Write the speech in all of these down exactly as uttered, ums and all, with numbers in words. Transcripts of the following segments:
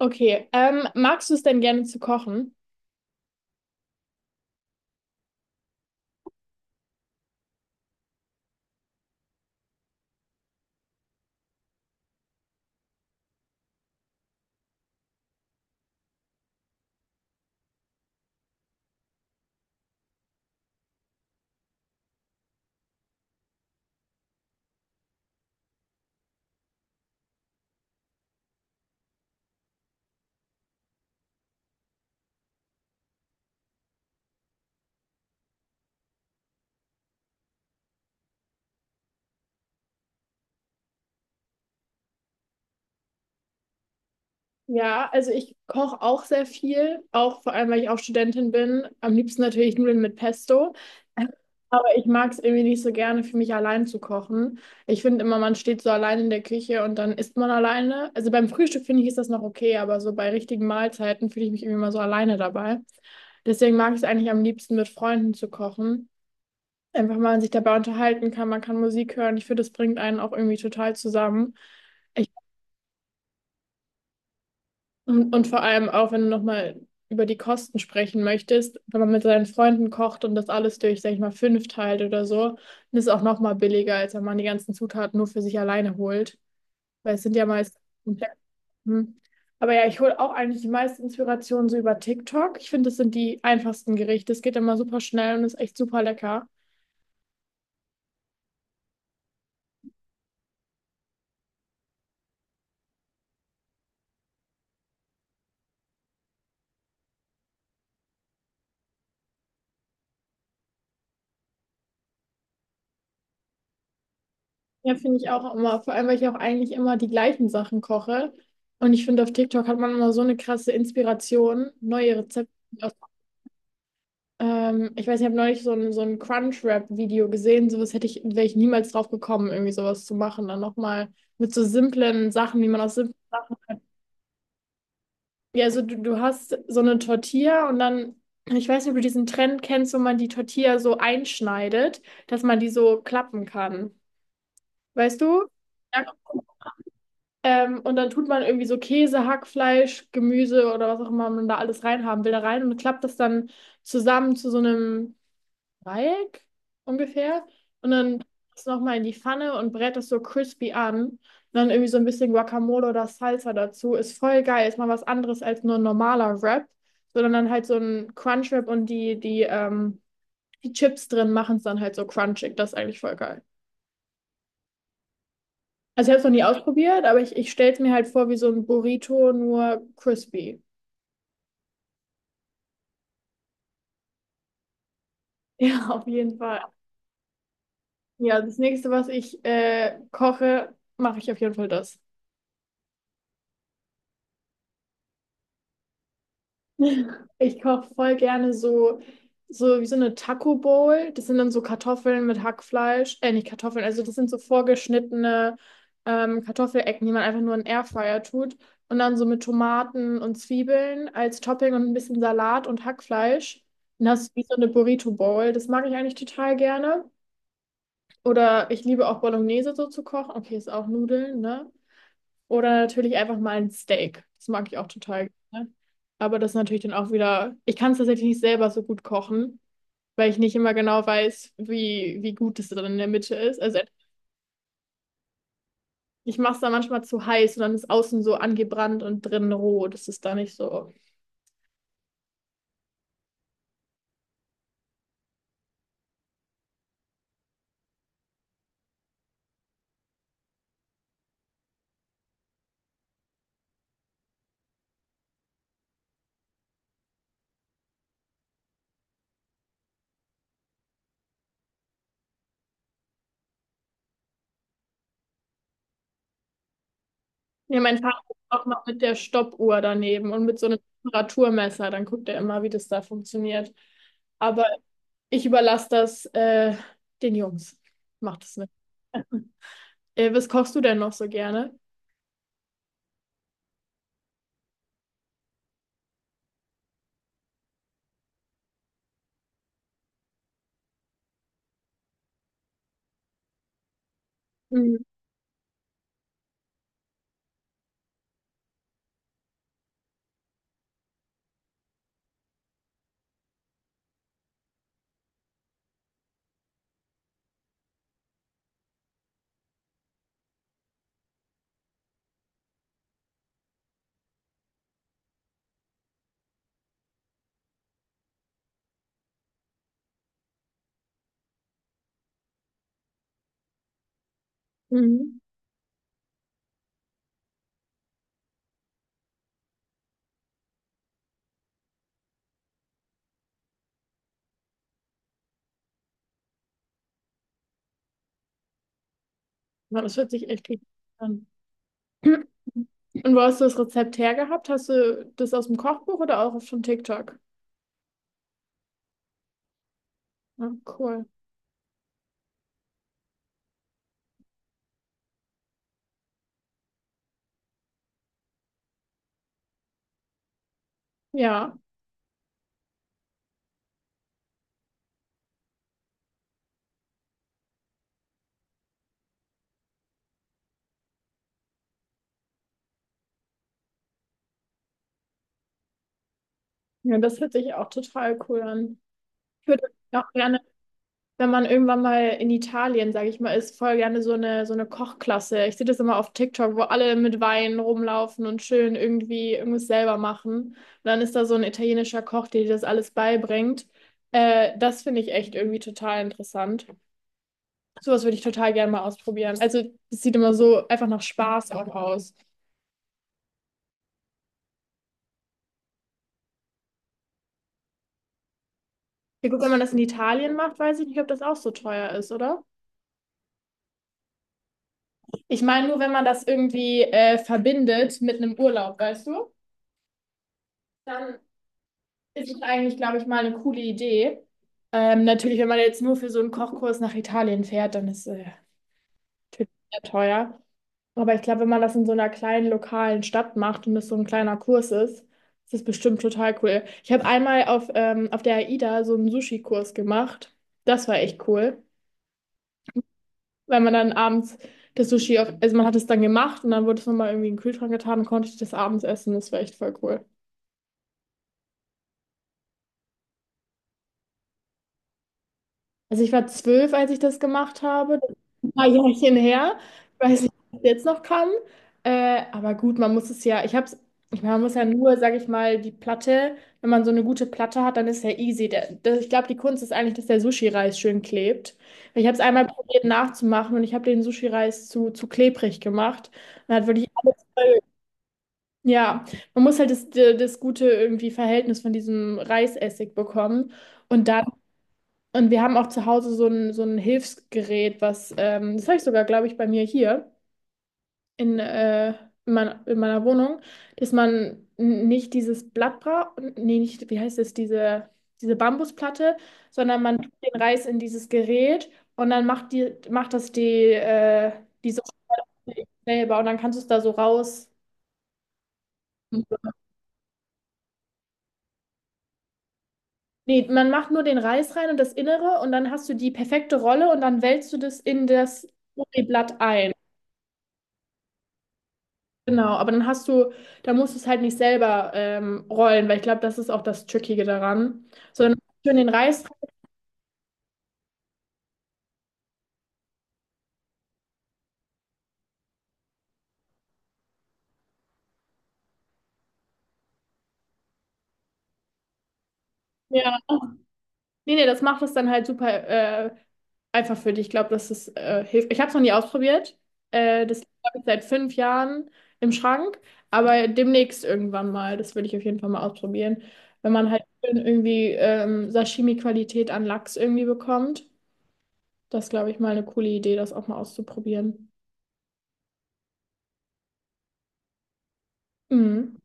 Okay, ähm, magst du es denn gerne zu kochen? Ja, also ich koche auch sehr viel, auch vor allem, weil ich auch Studentin bin. Am liebsten natürlich Nudeln mit Pesto. Aber ich mag es irgendwie nicht so gerne, für mich allein zu kochen. Ich finde immer, man steht so allein in der Küche und dann isst man alleine. Also beim Frühstück finde ich, ist das noch okay, aber so bei richtigen Mahlzeiten fühle ich mich irgendwie immer so alleine dabei. Deswegen mag ich es eigentlich am liebsten, mit Freunden zu kochen. Einfach mal sich dabei unterhalten kann, man kann Musik hören. Ich finde, das bringt einen auch irgendwie total zusammen. Und, und vor allem auch, wenn du nochmal über die Kosten sprechen möchtest, wenn man mit seinen Freunden kocht und das alles durch, sag ich mal, fünf teilt oder so, dann ist es auch nochmal billiger, als wenn man die ganzen Zutaten nur für sich alleine holt. Weil es sind ja meist komplett. Hm. Aber ja, ich hole auch eigentlich die meiste Inspiration so über TikTok. Ich finde, das sind die einfachsten Gerichte. Es geht immer super schnell und ist echt super lecker. Ja, finde ich auch immer, vor allem, weil ich auch eigentlich immer die gleichen Sachen koche. Und ich finde, auf TikTok hat man immer so eine krasse Inspiration, neue Rezepte. Ähm, ich weiß, ich habe neulich so ein, so ein Crunchwrap-Video gesehen. Sowas hätte ich, wäre ich niemals drauf gekommen, irgendwie sowas zu machen. Dann nochmal mit so simplen Sachen, wie man aus simplen Sachen. Ja, also du, du hast so eine Tortilla und dann, ich weiß nicht, ob du diesen Trend kennst, wo man die Tortilla so einschneidet, dass man die so klappen kann. Weißt du? Ja. Ähm, und dann tut man irgendwie so Käse, Hackfleisch, Gemüse oder was auch immer man da alles reinhaben will, da rein und klappt das dann zusammen zu so einem Dreieck ungefähr. Und dann das nochmal in die Pfanne und brät das so crispy an. Und dann irgendwie so ein bisschen Guacamole oder Salsa dazu. Ist voll geil. Ist mal was anderes als nur ein normaler Wrap. Sondern dann halt so ein Crunchwrap und die, die, ähm, die Chips drin machen es dann halt so crunchig. Das ist eigentlich voll geil. Also ich habe es noch nie ausprobiert, aber ich, ich stelle es mir halt vor wie so ein Burrito, nur crispy. Ja, auf jeden Fall. Ja, das nächste, was ich äh, koche, mache ich auf jeden Fall das. Ich koche voll gerne so, so wie so eine Taco Bowl. Das sind dann so Kartoffeln mit Hackfleisch. Äh, nicht Kartoffeln, also das sind so vorgeschnittene ähm, Kartoffelecken, die man einfach nur in den Airfryer tut. Und dann so mit Tomaten und Zwiebeln als Topping und ein bisschen Salat und Hackfleisch. Dann hast du wie so eine Burrito Bowl. Das mag ich eigentlich total gerne. Oder ich liebe auch Bolognese so zu kochen. Okay, ist auch Nudeln, ne? Oder natürlich einfach mal ein Steak. Das mag ich auch total gerne. Aber das ist natürlich dann auch wieder, ich kann es tatsächlich nicht selber so gut kochen, weil ich nicht immer genau weiß, wie, wie gut es dann in der Mitte ist. Also ich mache es dann manchmal zu heiß und dann ist außen so angebrannt und drinnen roh. Das ist da nicht so. Ja, mein Vater ist auch noch mit der Stoppuhr daneben und mit so einem Temperaturmesser. Dann guckt er immer, wie das da funktioniert. Aber ich überlasse das äh, den Jungs. Macht es nicht. Äh, was kochst du denn noch so gerne? Mhm. Mhm. Ja, das hört sich echt richtig an. Und wo hast du das Rezept hergehabt? Hast du das aus dem Kochbuch oder auch von TikTok? Ja, cool. Ja, ja, das hört sich auch total cool an. Ich würde auch gerne wenn man irgendwann mal in Italien, sage ich mal, ist, voll gerne so eine, so eine Kochklasse. Ich sehe das immer auf TikTok, wo alle mit Wein rumlaufen und schön irgendwie irgendwas selber machen. Und dann ist da so ein italienischer Koch, der dir das alles beibringt. Äh, das finde ich echt irgendwie total interessant. Sowas würde ich total gerne mal ausprobieren. Also, es sieht immer so einfach nach Spaß auch aus. Ja, gut, wenn man das in Italien macht, weiß ich nicht, ob das auch so teuer ist, oder? Ich meine nur, wenn man das irgendwie äh, verbindet mit einem Urlaub, weißt du? Dann Es ist eigentlich, glaube ich, mal eine coole Idee. Ähm, natürlich, wenn man jetzt nur für so einen Kochkurs nach Italien fährt, dann ist es äh, natürlich sehr teuer. Aber ich glaube, wenn man das in so einer kleinen lokalen Stadt macht und es so ein kleiner Kurs ist, ist das bestimmt total cool. Ich habe einmal auf, ähm, auf der AIDA so einen Sushi-Kurs gemacht. Das war echt cool, weil man dann abends das Sushi, auf, also man hat es dann gemacht und dann wurde es nochmal irgendwie in den Kühlschrank getan und konnte ich das abends essen. Das war echt voll cool. Also ich war zwölf, als ich das gemacht habe. Das ist ein paar Jährchen her. Ich weiß nicht, ob ich das jetzt noch kann. Äh, aber gut, man muss es ja, ich hab's, ich meine, man muss ja nur, sag ich mal, die Platte, wenn man so eine gute Platte hat, dann ist ja easy. Der, der, ich glaube, die Kunst ist eigentlich, dass der Sushi-Reis schön klebt. Weil ich habe es einmal probiert nachzumachen und ich habe den Sushi-Reis zu, zu klebrig gemacht. Und hat wirklich alles voll. Ja, man muss halt das, das gute irgendwie Verhältnis von diesem Reisessig bekommen. Und da und wir haben auch zu Hause so ein, so ein Hilfsgerät, was, ähm, das habe ich sogar, glaube ich, bei mir hier in, äh, in, meiner, in meiner Wohnung, dass man n- nicht dieses Blatt braucht, nee, nicht, wie heißt es, diese, diese Bambusplatte, sondern man tut den Reis in dieses Gerät und dann macht die, macht das die, äh, diese Rolle selber und dann kannst du es da so raus. Nee, man macht nur den Reis rein und das Innere und dann hast du die perfekte Rolle und dann wälzt du das in das Blatt ein. Genau, aber dann hast du, da musst du es halt nicht selber ähm, rollen, weil ich glaube, das ist auch das Trickige daran. Sondern schön den Reis. Ja. Nee, nee, das macht es dann halt super äh, einfach für dich. Ich glaube, das ist äh, hilft. Ich habe es noch nie ausprobiert. Äh, das habe ich seit fünf Jahren im Schrank, aber demnächst irgendwann mal. Das würde ich auf jeden Fall mal ausprobieren. Wenn man halt schön irgendwie ähm, Sashimi-Qualität an Lachs irgendwie bekommt, das glaube ich mal eine coole Idee, das auch mal auszuprobieren. Mhm.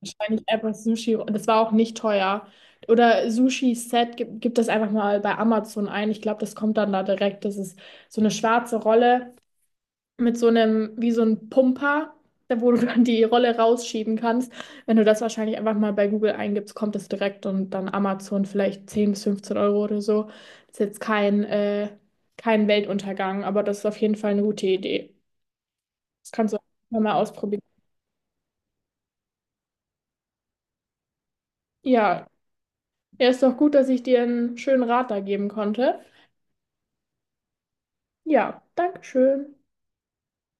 Wahrscheinlich einfach Sushi. Das war auch nicht teuer. Oder Sushi-Set, gib, gib das einfach mal bei Amazon ein. Ich glaube, das kommt dann da direkt. Das ist so eine schwarze Rolle mit so einem, wie so ein Pumper, da wo du dann die Rolle rausschieben kannst. Wenn du das wahrscheinlich einfach mal bei Google eingibst, kommt das direkt und dann Amazon vielleicht zehn bis fünfzehn Euro oder so. Ist jetzt kein, äh, kein Weltuntergang, aber das ist auf jeden Fall eine gute Idee. Das kannst du auch mal ausprobieren. Ja, Ja, ist doch gut, dass ich dir einen schönen Rat da geben konnte. Ja, Dankeschön.